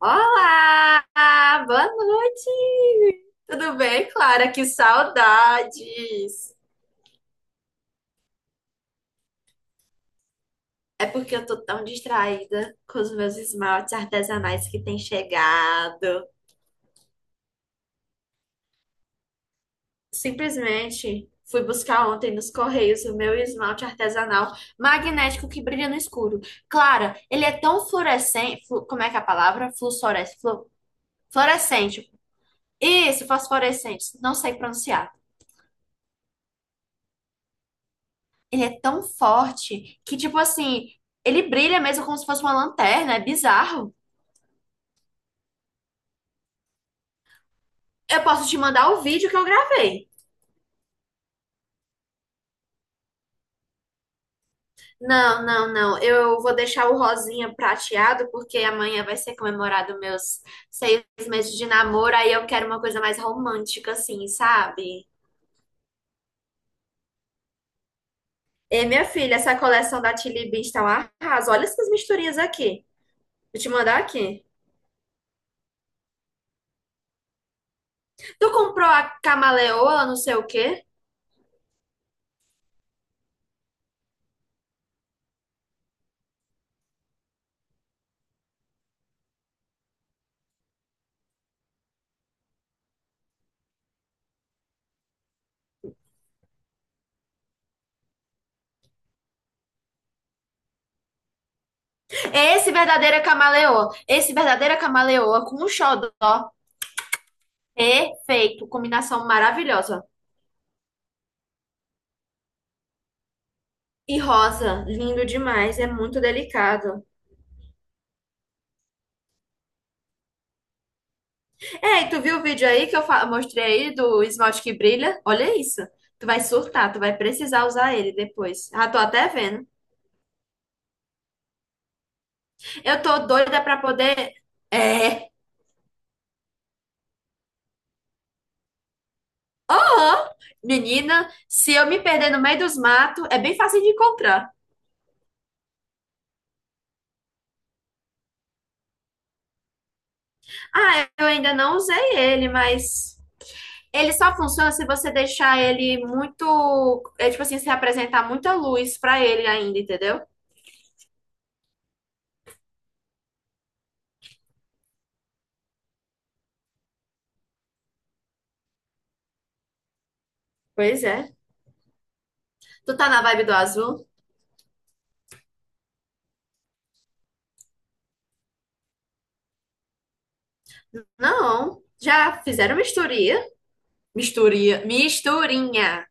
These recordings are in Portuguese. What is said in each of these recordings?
Olá, boa noite. Tudo bem, Clara? Que saudades. É porque eu tô tão distraída com os meus esmaltes artesanais que têm chegado. Simplesmente fui buscar ontem nos Correios o meu esmalte artesanal magnético que brilha no escuro. Clara, ele é tão fluorescente, flu- como é que é a palavra? Fluorescente, fluorescente. Isso, fosforescente, não sei pronunciar. Ele é tão forte que, tipo assim, ele brilha mesmo como se fosse uma lanterna, é bizarro. Eu posso te mandar o vídeo que eu gravei. Não, não, não. Eu vou deixar o rosinha prateado porque amanhã vai ser comemorado meus 6 meses de namoro. Aí eu quero uma coisa mais romântica, assim, sabe? E minha filha, essa coleção da Tilly Beans tá um arraso. Olha essas misturinhas aqui. Vou te mandar aqui. Tu comprou a camaleoa, não sei o quê? É esse verdadeira camaleoa. Esse verdadeira camaleoa com um xodó. Perfeito. Combinação maravilhosa. E rosa, lindo demais, é muito delicado. É, e tu viu o vídeo aí que eu mostrei aí do esmalte que brilha? Olha isso. Tu vai surtar, tu vai precisar usar ele depois. Ah, tô até vendo. Eu tô doida pra poder. É. Ó, menina, se eu me perder no meio dos matos, é bem fácil de encontrar. Ah, eu ainda não usei ele, mas. Ele só funciona se você deixar ele muito. É tipo assim, se apresentar muita luz pra ele ainda, entendeu? Pois é. Tu tá na vibe do azul? Não. Já fizeram misturia? Misturia. Misturinha.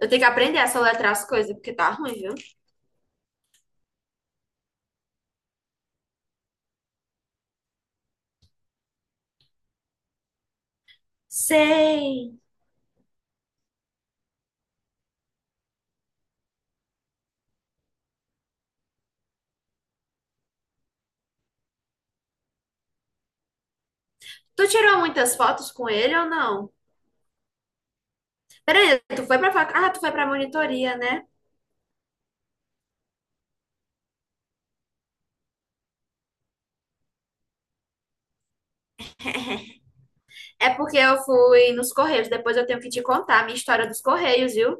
Eu tenho que aprender a soletrar as coisas, porque tá ruim, viu? Sei. Tu tirou muitas fotos com ele ou não? Peraí, tu foi pra fac... Ah, tu foi pra monitoria, né? É porque eu fui nos Correios. Depois eu tenho que te contar a minha história dos Correios, viu?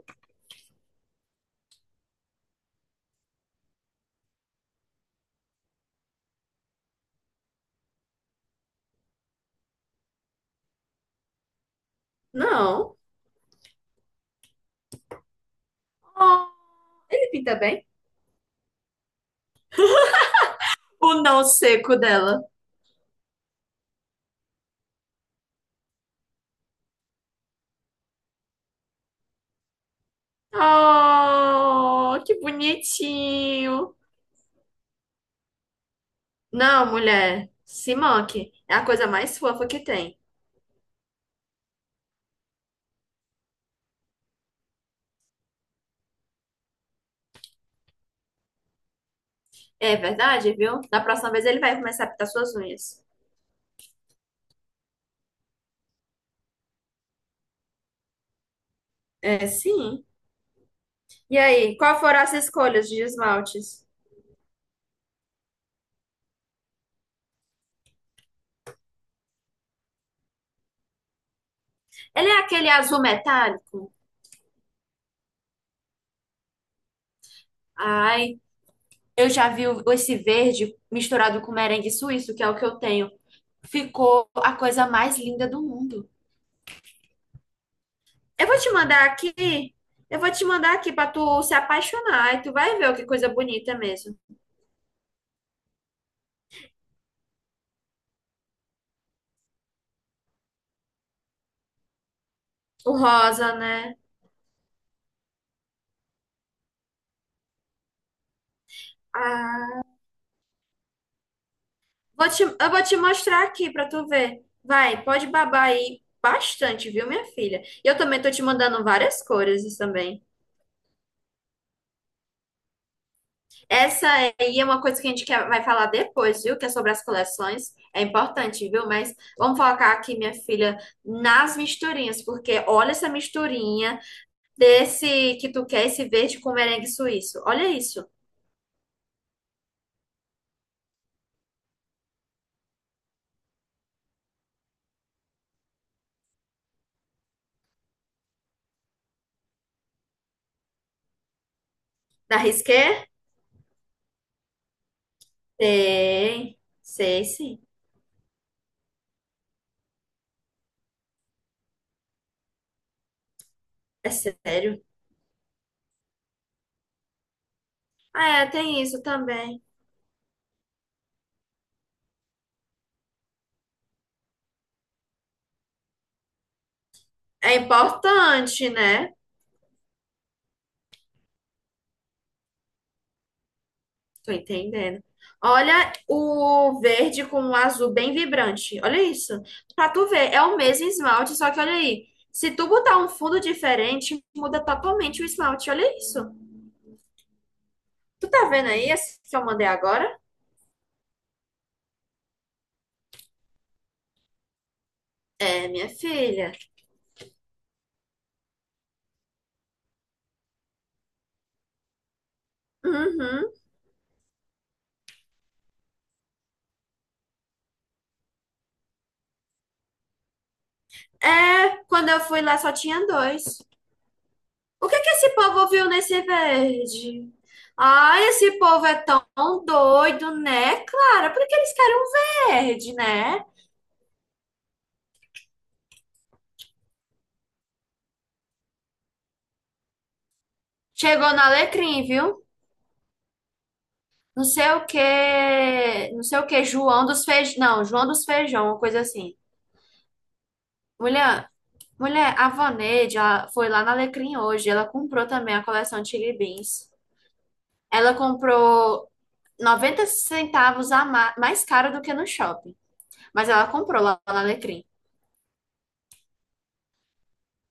Não. Oh, ele pinta bem. O não seco dela. Oh, que bonitinho. Não, mulher, se manque. É a coisa mais fofa que tem. É verdade, viu? Da próxima vez ele vai começar a pintar suas unhas. É, sim. E aí, qual foram as escolhas de esmaltes? Ele é aquele azul metálico? Ai, eu já vi esse verde misturado com merengue suíço, que é o que eu tenho. Ficou a coisa mais linda do mundo. Eu vou te mandar aqui, eu vou te mandar aqui pra tu se apaixonar e tu vai ver ó, que coisa bonita mesmo. O rosa, né? Ah, eu vou te mostrar aqui pra tu ver. Vai, pode babar aí bastante, viu, minha filha? E eu também tô te mandando várias cores também. Essa aí é uma coisa que a gente quer, vai falar depois, viu? Que é sobre as coleções. É importante, viu? Mas vamos focar aqui, minha filha, nas misturinhas, porque olha essa misturinha. Desse que tu quer, esse verde com merengue suíço. Olha isso. Da Risqué? Tem. Sei sim. É sério? Ah, é, tem isso também. É importante, né? Tô entendendo. Olha o verde com o azul bem vibrante. Olha isso. Pra tu ver, é o mesmo esmalte, só que olha aí. Se tu botar um fundo diferente, muda totalmente o esmalte. Olha isso. Tu tá vendo aí esse que eu mandei agora? É, minha filha. Uhum. É, quando eu fui lá só tinha dois. O que que esse povo viu nesse verde? Ai, esse povo é tão doido, né, Clara? Por que eles querem um verde, né? Chegou no Alecrim, viu? Não sei o que, não sei o que, João dos Feijão, não João dos Feijão, uma coisa assim. Mulher, mulher, a Voneide, ela foi lá na Alecrim hoje, ela comprou também a coleção de Chili Beans. Ela comprou 90 centavos a mais caro do que no shopping. Mas ela comprou lá na Alecrim.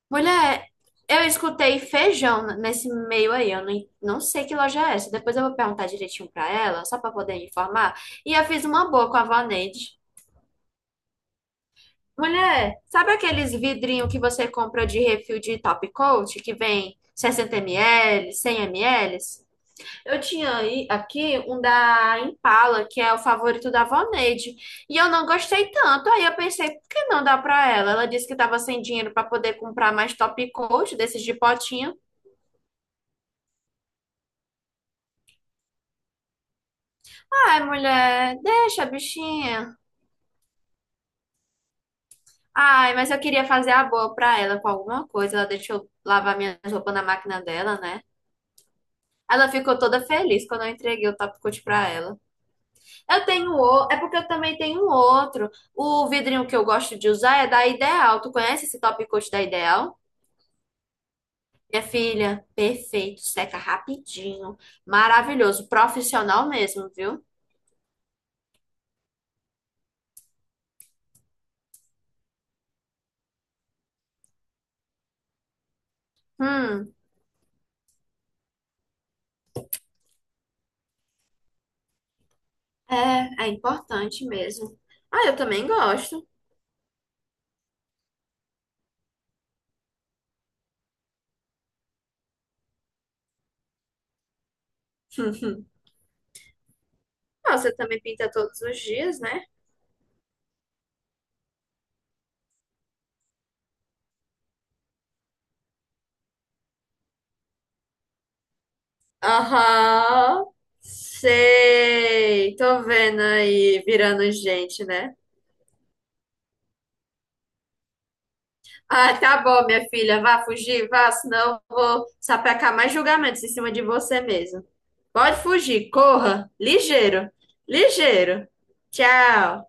Mulher, eu escutei feijão nesse meio aí. Eu não, en- não sei que loja é essa. Depois eu vou perguntar direitinho pra ela, só pra poder informar. E eu fiz uma boa com a Vaneide. Mulher, sabe aqueles vidrinhos que você compra de refil de Top Coat, que vem 60 ml, 100 ml? Aqui um da Impala, que é o favorito da Voneide, e eu não gostei tanto. Aí eu pensei, por que não dar pra ela? Ela disse que tava sem dinheiro pra poder comprar mais top coat desses de potinho. Ai, mulher, deixa, a bichinha. Ai, mas eu queria fazer a boa pra ela com alguma coisa. Ela deixou lavar minhas roupas na máquina dela, né? Ela ficou toda feliz quando eu entreguei o top coat pra ela. É porque eu também tenho um outro. O vidrinho que eu gosto de usar é da Ideal. Tu conhece esse top coat da Ideal? Minha filha, perfeito, seca rapidinho, maravilhoso, profissional mesmo, viu? Hum, é, é importante mesmo. Ah, eu também gosto. Hum. Ah, você também pinta todos os dias, né? Aham, sei, tô vendo aí, virando gente, né? Ah, tá bom, minha filha. Vá fugir, vá, senão eu vou sapecar mais julgamentos em cima de você mesmo. Pode fugir, corra, ligeiro, ligeiro. Tchau.